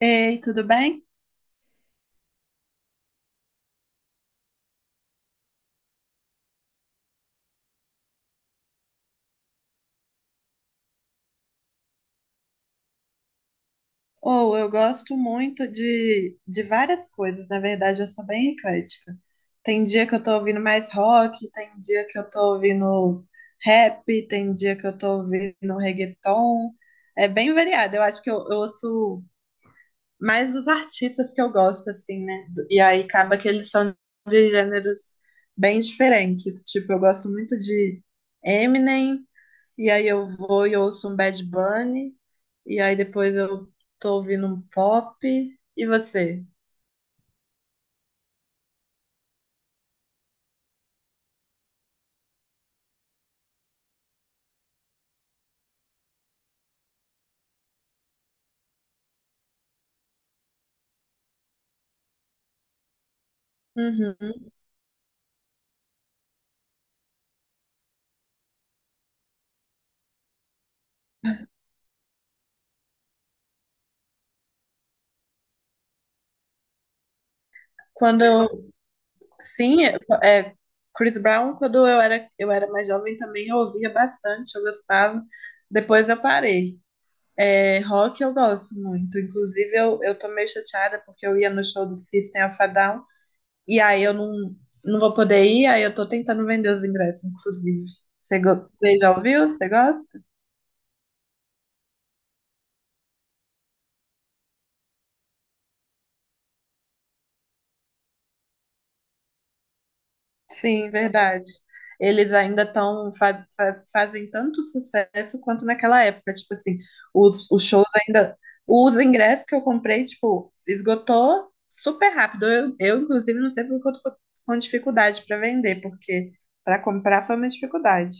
Ei, tudo bem? Ou eu gosto muito de várias coisas, na verdade, eu sou bem eclética. Tem dia que eu tô ouvindo mais rock, tem dia que eu tô ouvindo rap, tem dia que eu tô ouvindo reggaeton. É bem variado. Eu acho que eu ouço mais os artistas que eu gosto, assim, né? E aí acaba que eles são de gêneros bem diferentes. Tipo, eu gosto muito de Eminem, e aí eu vou e ouço um Bad Bunny. E aí depois eu tô ouvindo um pop. E você? Uhum. Quando eu, sim, é, é, Chris Brown, quando eu era mais jovem também eu ouvia bastante, eu gostava. Depois eu parei. É, rock eu gosto muito. Inclusive eu tô meio chateada porque eu ia no show do System of a Down e aí eu não, não vou poder ir, aí eu tô tentando vender os ingressos, inclusive. Você já ouviu? Você gosta? Sim, verdade. Eles ainda estão fazem tanto sucesso quanto naquela época. Tipo assim, os shows ainda. Os ingressos que eu comprei, tipo, esgotou super rápido. Eu inclusive, não sei porque eu tô com dificuldade para vender, porque para comprar foi uma dificuldade.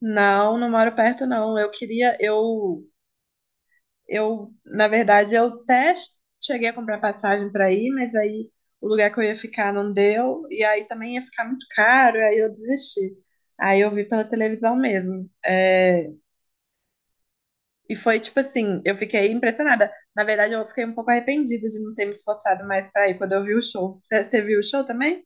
Não, não moro perto, não. Eu queria, eu. Eu, na verdade, eu até cheguei a comprar passagem para ir, mas aí o lugar que eu ia ficar não deu, e aí também ia ficar muito caro, e aí eu desisti. Aí eu vi pela televisão mesmo. É, e foi tipo assim, eu fiquei impressionada. Na verdade, eu fiquei um pouco arrependida de não ter me esforçado mais para ir quando eu vi o show. Você viu o show também?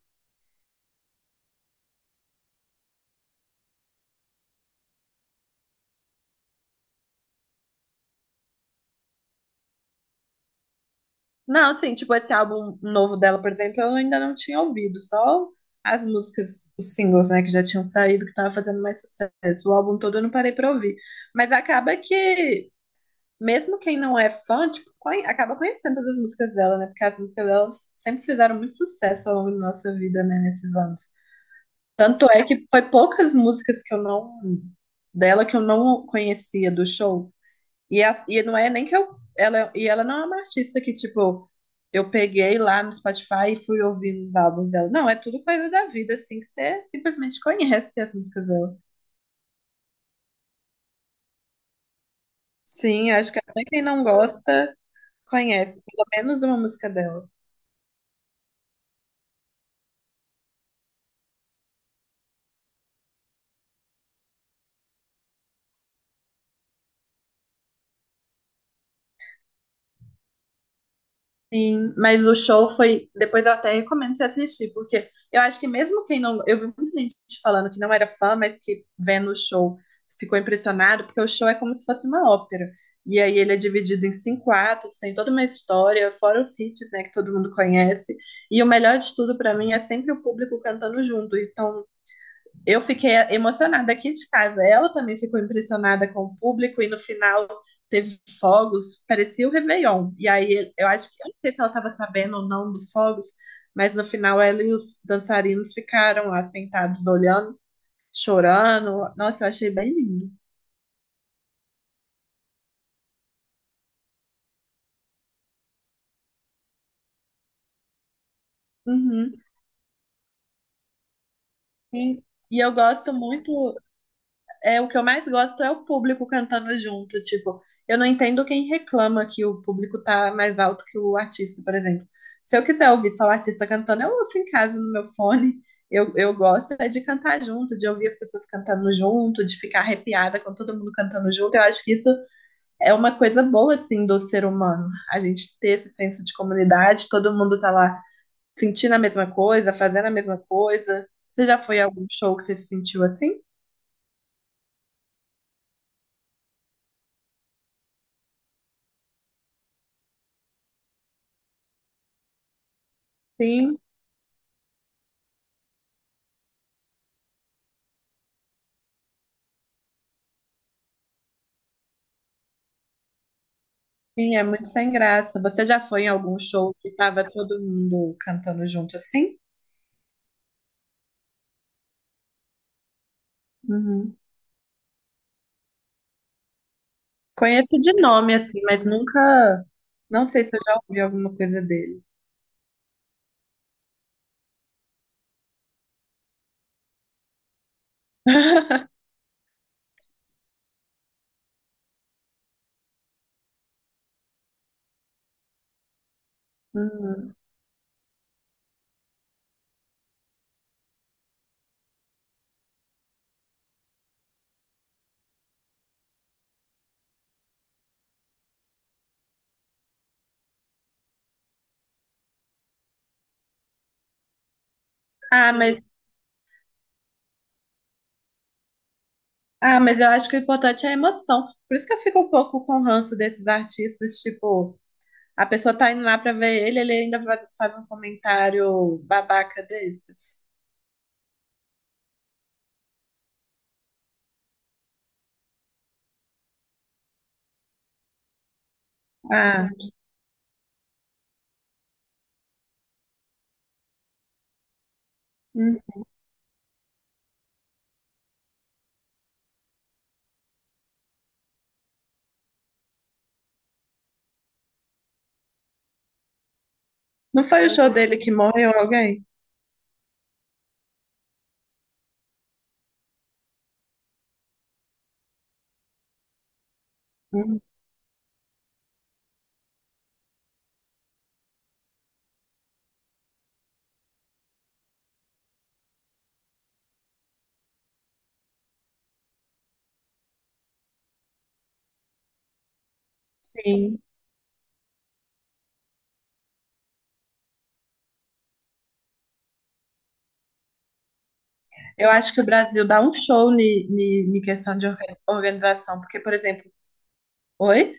Não, assim, tipo, esse álbum novo dela, por exemplo, eu ainda não tinha ouvido, só as músicas, os singles, né, que já tinham saído, que tava fazendo mais sucesso. O álbum todo eu não parei pra ouvir. Mas acaba que, mesmo quem não é fã, tipo, acaba conhecendo todas as músicas dela, né, porque as músicas dela sempre fizeram muito sucesso ao longo da nossa vida, né, nesses anos. Tanto é que foi poucas músicas que eu não, dela que eu não conhecia do show. E não é nem que eu. E ela não é uma artista que, tipo, eu peguei lá no Spotify e fui ouvindo os álbuns dela. Não, é tudo coisa da vida, assim, que você simplesmente conhece as músicas dela. Sim, eu acho que até quem não gosta conhece, pelo menos uma música dela. Sim, mas o show foi. Depois eu até recomendo você assistir, porque eu acho que mesmo quem não. Eu vi muita gente falando que não era fã, mas que vendo o show ficou impressionado, porque o show é como se fosse uma ópera. E aí ele é dividido em cinco atos, tem toda uma história, fora os hits, né, que todo mundo conhece. E o melhor de tudo pra mim é sempre o público cantando junto. Então eu fiquei emocionada aqui de casa. Ela também ficou impressionada com o público e no final teve fogos, parecia o Réveillon. E aí eu acho que, eu não sei se ela estava sabendo ou não dos fogos, mas no final ela e os dançarinos ficaram lá sentados olhando, chorando. Nossa, eu achei bem lindo. Uhum. Sim. E eu gosto muito é o que eu mais gosto é o público cantando junto, tipo, eu não entendo quem reclama que o público tá mais alto que o artista, por exemplo. Se eu quiser ouvir só o artista cantando, eu ouço em casa no meu fone. Eu gosto é de cantar junto, de ouvir as pessoas cantando junto, de ficar arrepiada com todo mundo cantando junto. Eu acho que isso é uma coisa boa, assim, do ser humano. A gente ter esse senso de comunidade, todo mundo tá lá sentindo a mesma coisa, fazendo a mesma coisa. Você já foi a algum show que você se sentiu assim? Sim. Sim, é muito sem graça. Você já foi em algum show que tava todo mundo cantando junto assim? Uhum. Conheço de nome assim, mas nunca. Não sei se eu já ouvi alguma coisa dele. Uhum. Ah, mas, ah, mas eu acho que o importante é a emoção. Por isso que eu fico um pouco com ranço desses artistas, tipo, a pessoa tá indo lá pra ver ele, ele ainda faz, faz um comentário babaca desses. Ah, hum. Não foi o show dele que morreu alguém? Hum. Sim. Eu acho que o Brasil dá um show ni questão de organização, porque, por exemplo, oi?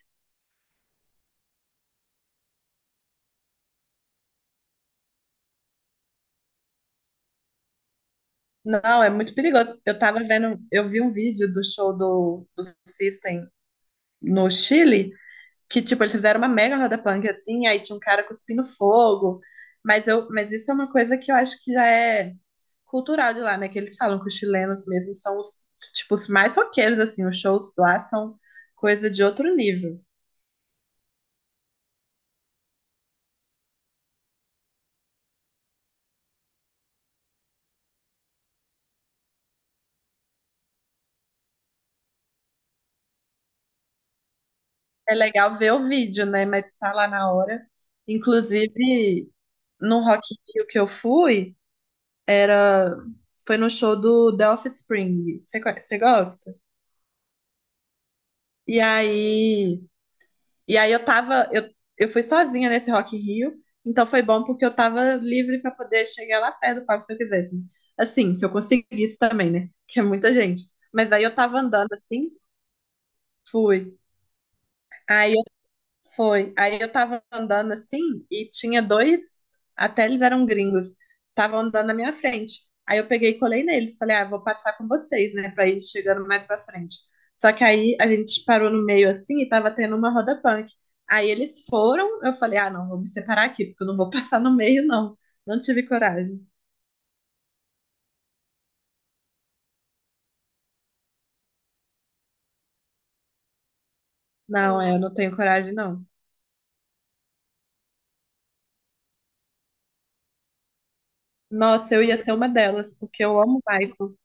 Não, é muito perigoso. Eu tava vendo, eu vi um vídeo do show do System no Chile, que, tipo, eles fizeram uma mega roda punk, assim, aí tinha um cara cuspindo fogo, mas isso é uma coisa que eu acho que já é cultural de lá, né, que eles falam que os chilenos mesmo são os, tipo, os mais roqueiros, assim, os shows lá são coisa de outro nível. É legal ver o vídeo, né? Mas tá lá na hora. Inclusive, no Rock in Rio que eu fui, era foi no show do The Offspring. Você gosta? E aí, e aí eu fui sozinha nesse Rock in Rio, então foi bom porque eu tava livre pra poder chegar lá perto do palco se eu quisesse. Assim, se eu conseguisse também, né? Que é muita gente. Mas aí eu tava andando assim, fui. Aí foi. Aí eu tava andando assim e tinha dois, até eles eram gringos, estavam andando na minha frente. Aí eu peguei e colei neles, falei, ah, vou passar com vocês, né, pra ir chegando mais pra frente. Só que aí a gente parou no meio assim e tava tendo uma roda punk. Aí eles foram, eu falei, ah, não, vou me separar aqui, porque eu não vou passar no meio, não. Não tive coragem. Não, é, eu não tenho coragem, não. Nossa, eu ia ser uma delas, porque eu amo o Michael.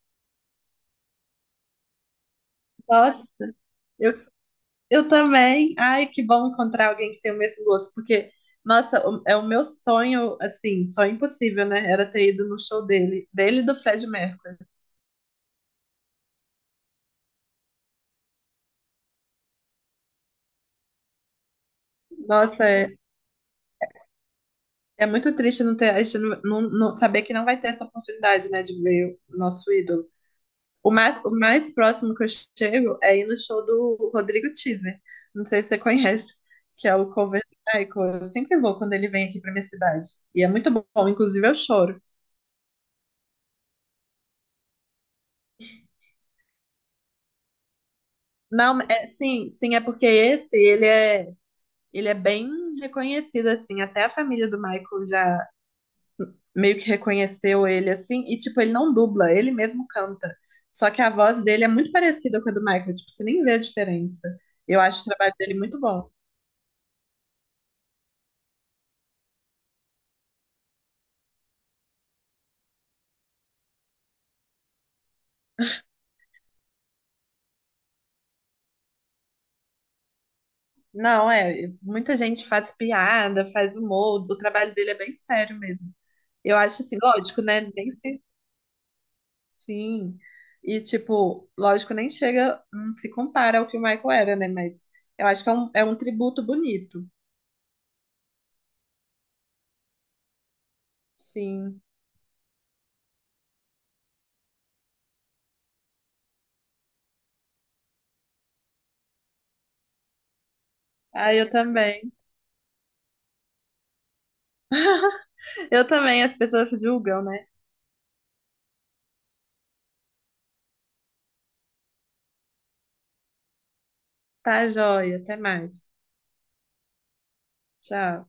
Nossa, eu também. Ai, que bom encontrar alguém que tem o mesmo gosto, porque, nossa, é o meu sonho, assim, sonho impossível, né? Era ter ido no show dele, dele e do Fred Mercury. Nossa, é, é muito triste não ter, a gente não saber que não vai ter essa oportunidade, né, de ver o nosso ídolo. O mais próximo que eu chego é ir no show do Rodrigo Teaser. Não sei se você conhece, que é o cover do Michael. Eu sempre vou quando ele vem aqui pra minha cidade. E é muito bom, inclusive eu choro. Não, é, sim, sim, é porque ele é bem reconhecido, assim, até a família do Michael já meio que reconheceu ele, assim, e, tipo, ele não dubla, ele mesmo canta, só que a voz dele é muito parecida com a do Michael, tipo, você nem vê a diferença, eu acho o trabalho dele muito bom. Não, é, muita gente faz piada, faz humor, o trabalho dele é bem sério mesmo. Eu acho, assim, lógico, né, nem sim. E, tipo, lógico, nem chega, não se compara ao que o Michael era, né? Mas eu acho que é um, tributo bonito. Sim. Ah, eu também. Eu também, as pessoas julgam, né? Tá, joia. Até mais. Tchau.